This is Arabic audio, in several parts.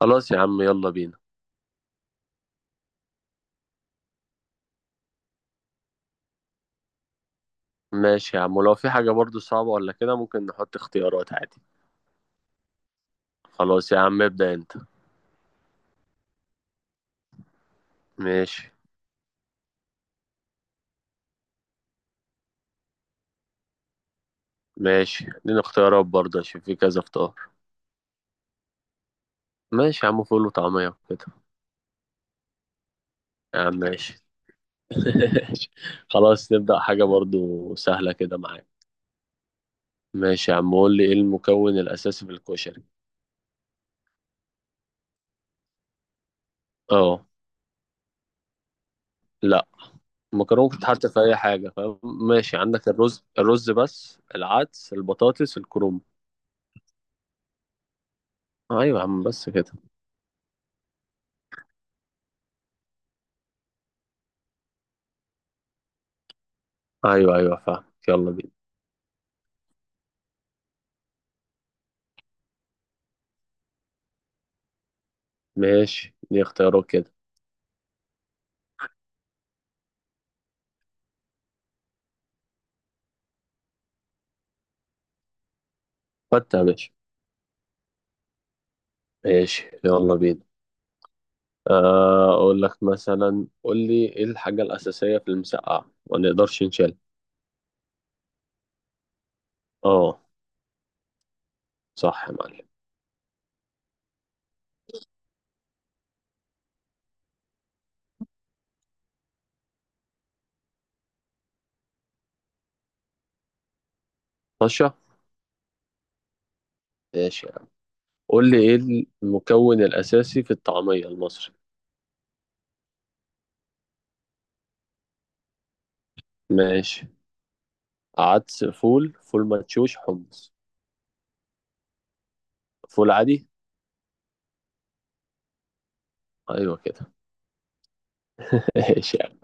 خلاص يا عم يلا بينا. ماشي يا عم، ولو في حاجة برضو صعبة ولا كده ممكن نحط اختيارات عادي. خلاص يا عم ابدأ انت. ماشي. ماشي اديني اختيارات برضه عشان في كذا اختيار. ماشي يا عم، فول وطعمية وكده. يا عم ماشي. ماشي. خلاص نبدأ حاجة برضو سهلة كده معاك. ماشي يا عم، قول لي ايه المكون الأساسي في الكشري. اه. لا، المكرونة ممكن تتحط في أي حاجة فاهم، ماشي، عندك الرز بس، العدس، البطاطس، الكرنب. ايوه يا عم بس كده. ايوه ايوه فاهم، يلا بينا. ماشي دي اختيارات كده. فتة ماشي. ماشي يلا بينا. اقول لك مثلا، قول لي ايه الحاجة الأساسية في المسقعة ما نقدرش نشيلها. اه. صح يا معلم. طشة. ماشي يا عم. قول لي ايه المكون الأساسي في الطعمية المصري. ماشي. عدس، فول، فول مدشوش، حمص. فول عادي. ايوه كده. ماشي يا عم.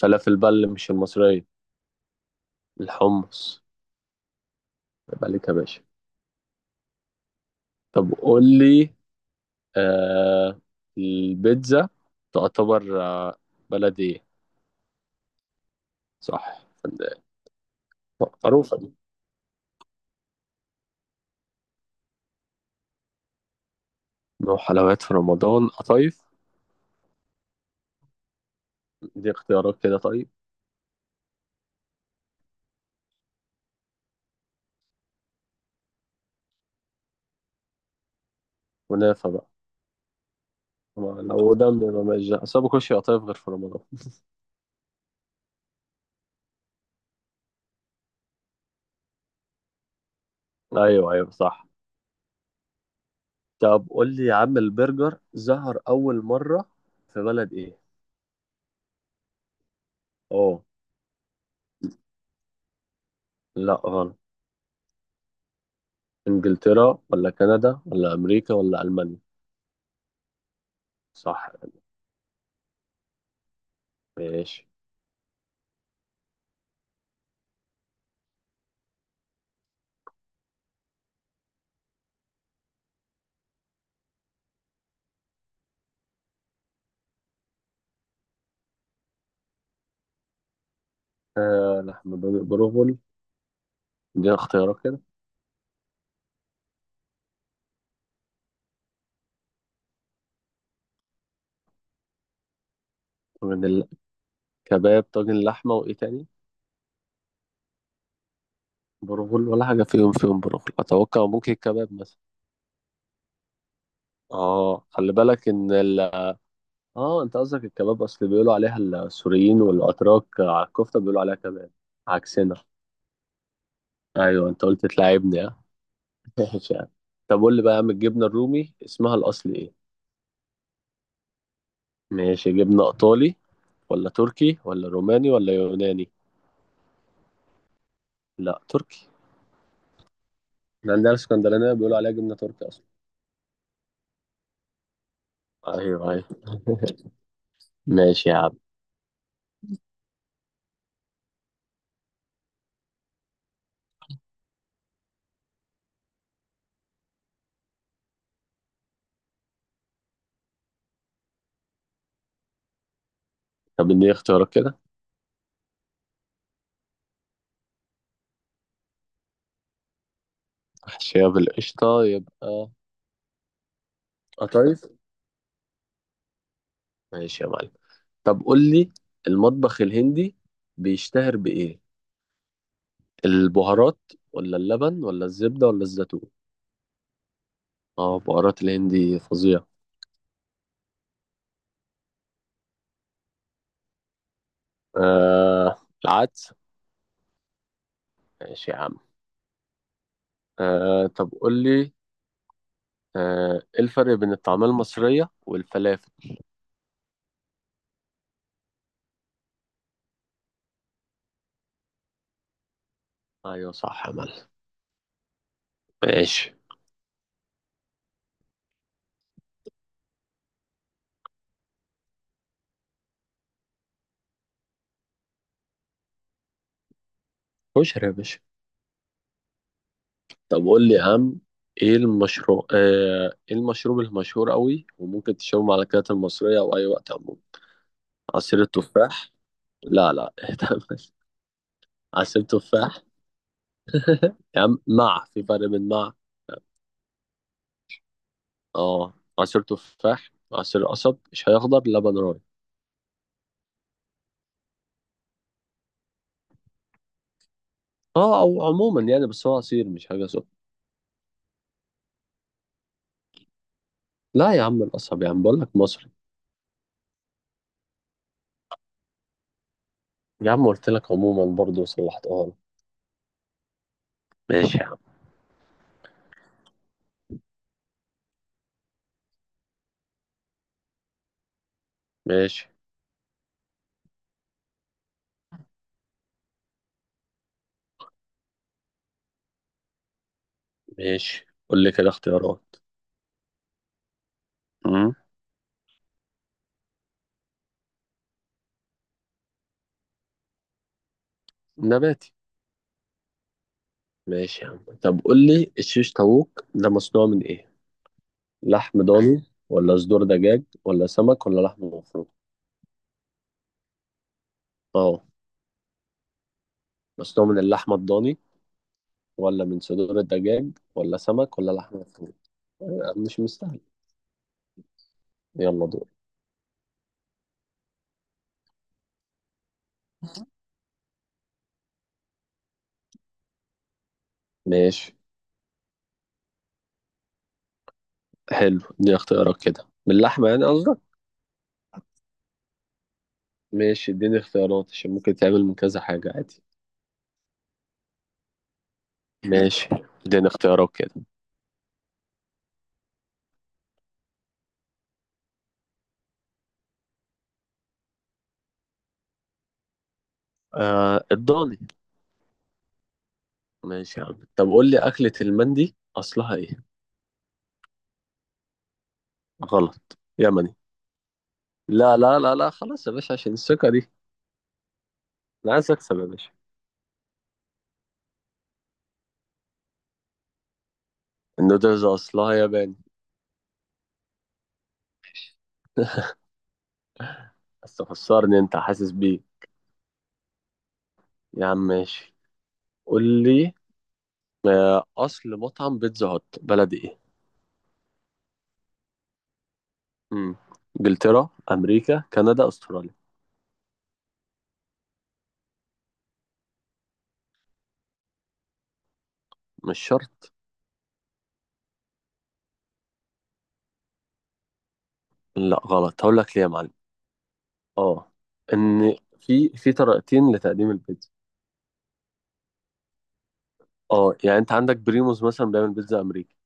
فلافل بل مش المصرية. الحمص. يبقى ليك يا باشا. طب قول لي، آه، البيتزا تعتبر بلدي؟ صح فندق. معروفة دي. نوع حلويات في رمضان؟ قطايف. دي اختيارات كده طيب. ونافة بقى. لو ده ما ماشي، أصل أنا ما باكلش قطايف غير في رمضان. أيوه أيوه صح. طب قول لي يا عم، البرجر ظهر أول مرة في بلد إيه؟ أوه. لا غلط. إنجلترا ولا كندا ولا أمريكا ولا ألمانيا؟ صح. ماشي. آه لحم بروفول. دي اختيارات كده. من كباب، طاجن لحمة، وإيه تاني؟ برغل ولا حاجة فيهم برغل أتوقع، ممكن الكباب مثلا. آه خلي بالك إن آه، أنت قصدك الكباب، أصل بيقولوا عليها السوريين والأتراك، على الكفتة بيقولوا عليها كباب. عكسنا. أيوه أنت قلت تلاعبني، ها؟ ماشي يا عم. طب قول لي بقى يا عم، الجبنة الرومي اسمها الأصلي إيه؟ ماشي، جبنة إيطالي ولا تركي ولا روماني ولا يوناني؟ لا تركي. إحنا عندنا الإسكندرانية بيقولوا عليها جبنة تركي أصلا. أيوه أيوه. ماشي يا عم. طب إديني اختيارات كده. محشية بالقشطة يبقى قطايف. ماشي يا معلم. طب قول لي، المطبخ الهندي بيشتهر بإيه؟ البهارات ولا اللبن ولا الزبدة ولا الزيتون؟ اه، بهارات الهندي فظيعة. آه العدس. ماشي يا عم. آه طب قول لي، آه ايه الفرق بين الطعمية المصرية والفلافل؟ ايوه صح يا معلم. ماشي. كشري يا باشا. طب قول لي يا عم، ايه المشروع آه، ايه المشروب المشهور قوي وممكن تشربه مع الاكلات المصرية او اي وقت عموما؟ عصير التفاح. لا لا اهتم. عصير تفاح. يا عم مع، في فرق بين مع. اه. عصير تفاح، عصير قصب، شاي اخضر، لبن راي. اه او عموما يعني، بس هو عصير مش حاجة سخنة. لا يا عم، القصب يا عم بقول لك مصري. يا عم قلت لك عموما برضه، صلحتها لك. ماشي يا عم. ماشي. ماشي قول لي كده اختيارات. مم. نباتي. ماشي يا عم، طب قول لي الشيش طاووق ده مصنوع من ايه؟ لحم ضاني ولا صدور دجاج ولا سمك ولا لحم مفروم؟ اه. مصنوع من اللحمة الضاني، ولا من صدور الدجاج ولا سمك ولا لحم مفروم؟ آه، مش مستاهل. يلا دور. ماشي. حلو، اديني اختيارات كده. من اللحمة يعني قصدك؟ ماشي. اديني اختيارات عشان ممكن تعمل من كذا حاجة عادي. ماشي، اديني اختيارات كده. آه الضاني. ماشي يا عم، طب قول لي أكلة المندي أصلها ايه؟ غلط، يمني. لا لا لا لا، خلاص يا باشا عشان الثقة دي. أنا عايز أكسب يا باشا. النودلز أصلها ياباني. بس تخسرني أنت، حاسس بيه. يا عم ماشي. قول لي، أصل مطعم بيتزا هوت بلد إيه؟ مم. إنجلترا، أمريكا، كندا، أستراليا. مش شرط. لا غلط، هقول لك ليه يا معلم. أه. إن في طريقتين لتقديم البيتزا. أه يعني أنت عندك بريموز مثلا بيعمل بيتزا أمريكي.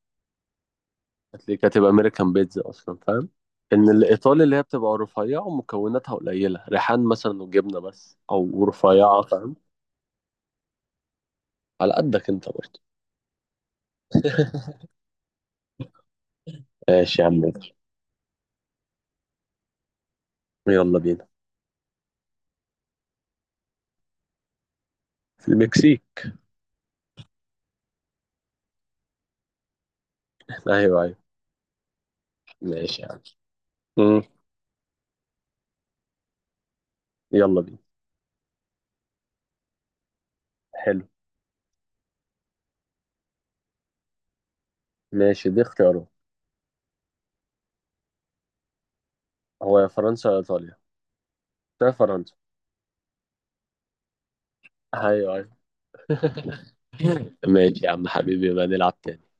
هتلاقيك هتبقى امريكان بيتزا اصلا، فاهم؟ ان الايطالي اللي هي بتبقى رفيعه ومكوناتها قليله، ريحان مثلا وجبنه بس، او رفيعه، فاهم؟ على قدك انت برضه. ماشي يا عم مدحت. يلا بينا. في المكسيك. ايوه ايوه. ماشي يا عم. مم. يلا بينا. حلو. ماشي دي اختيارات. هو يا فرنسا يا ايطاليا. ده فرنسا. ايوه ايوه. ماشي يا عم حبيبي، بقى نلعب تاني.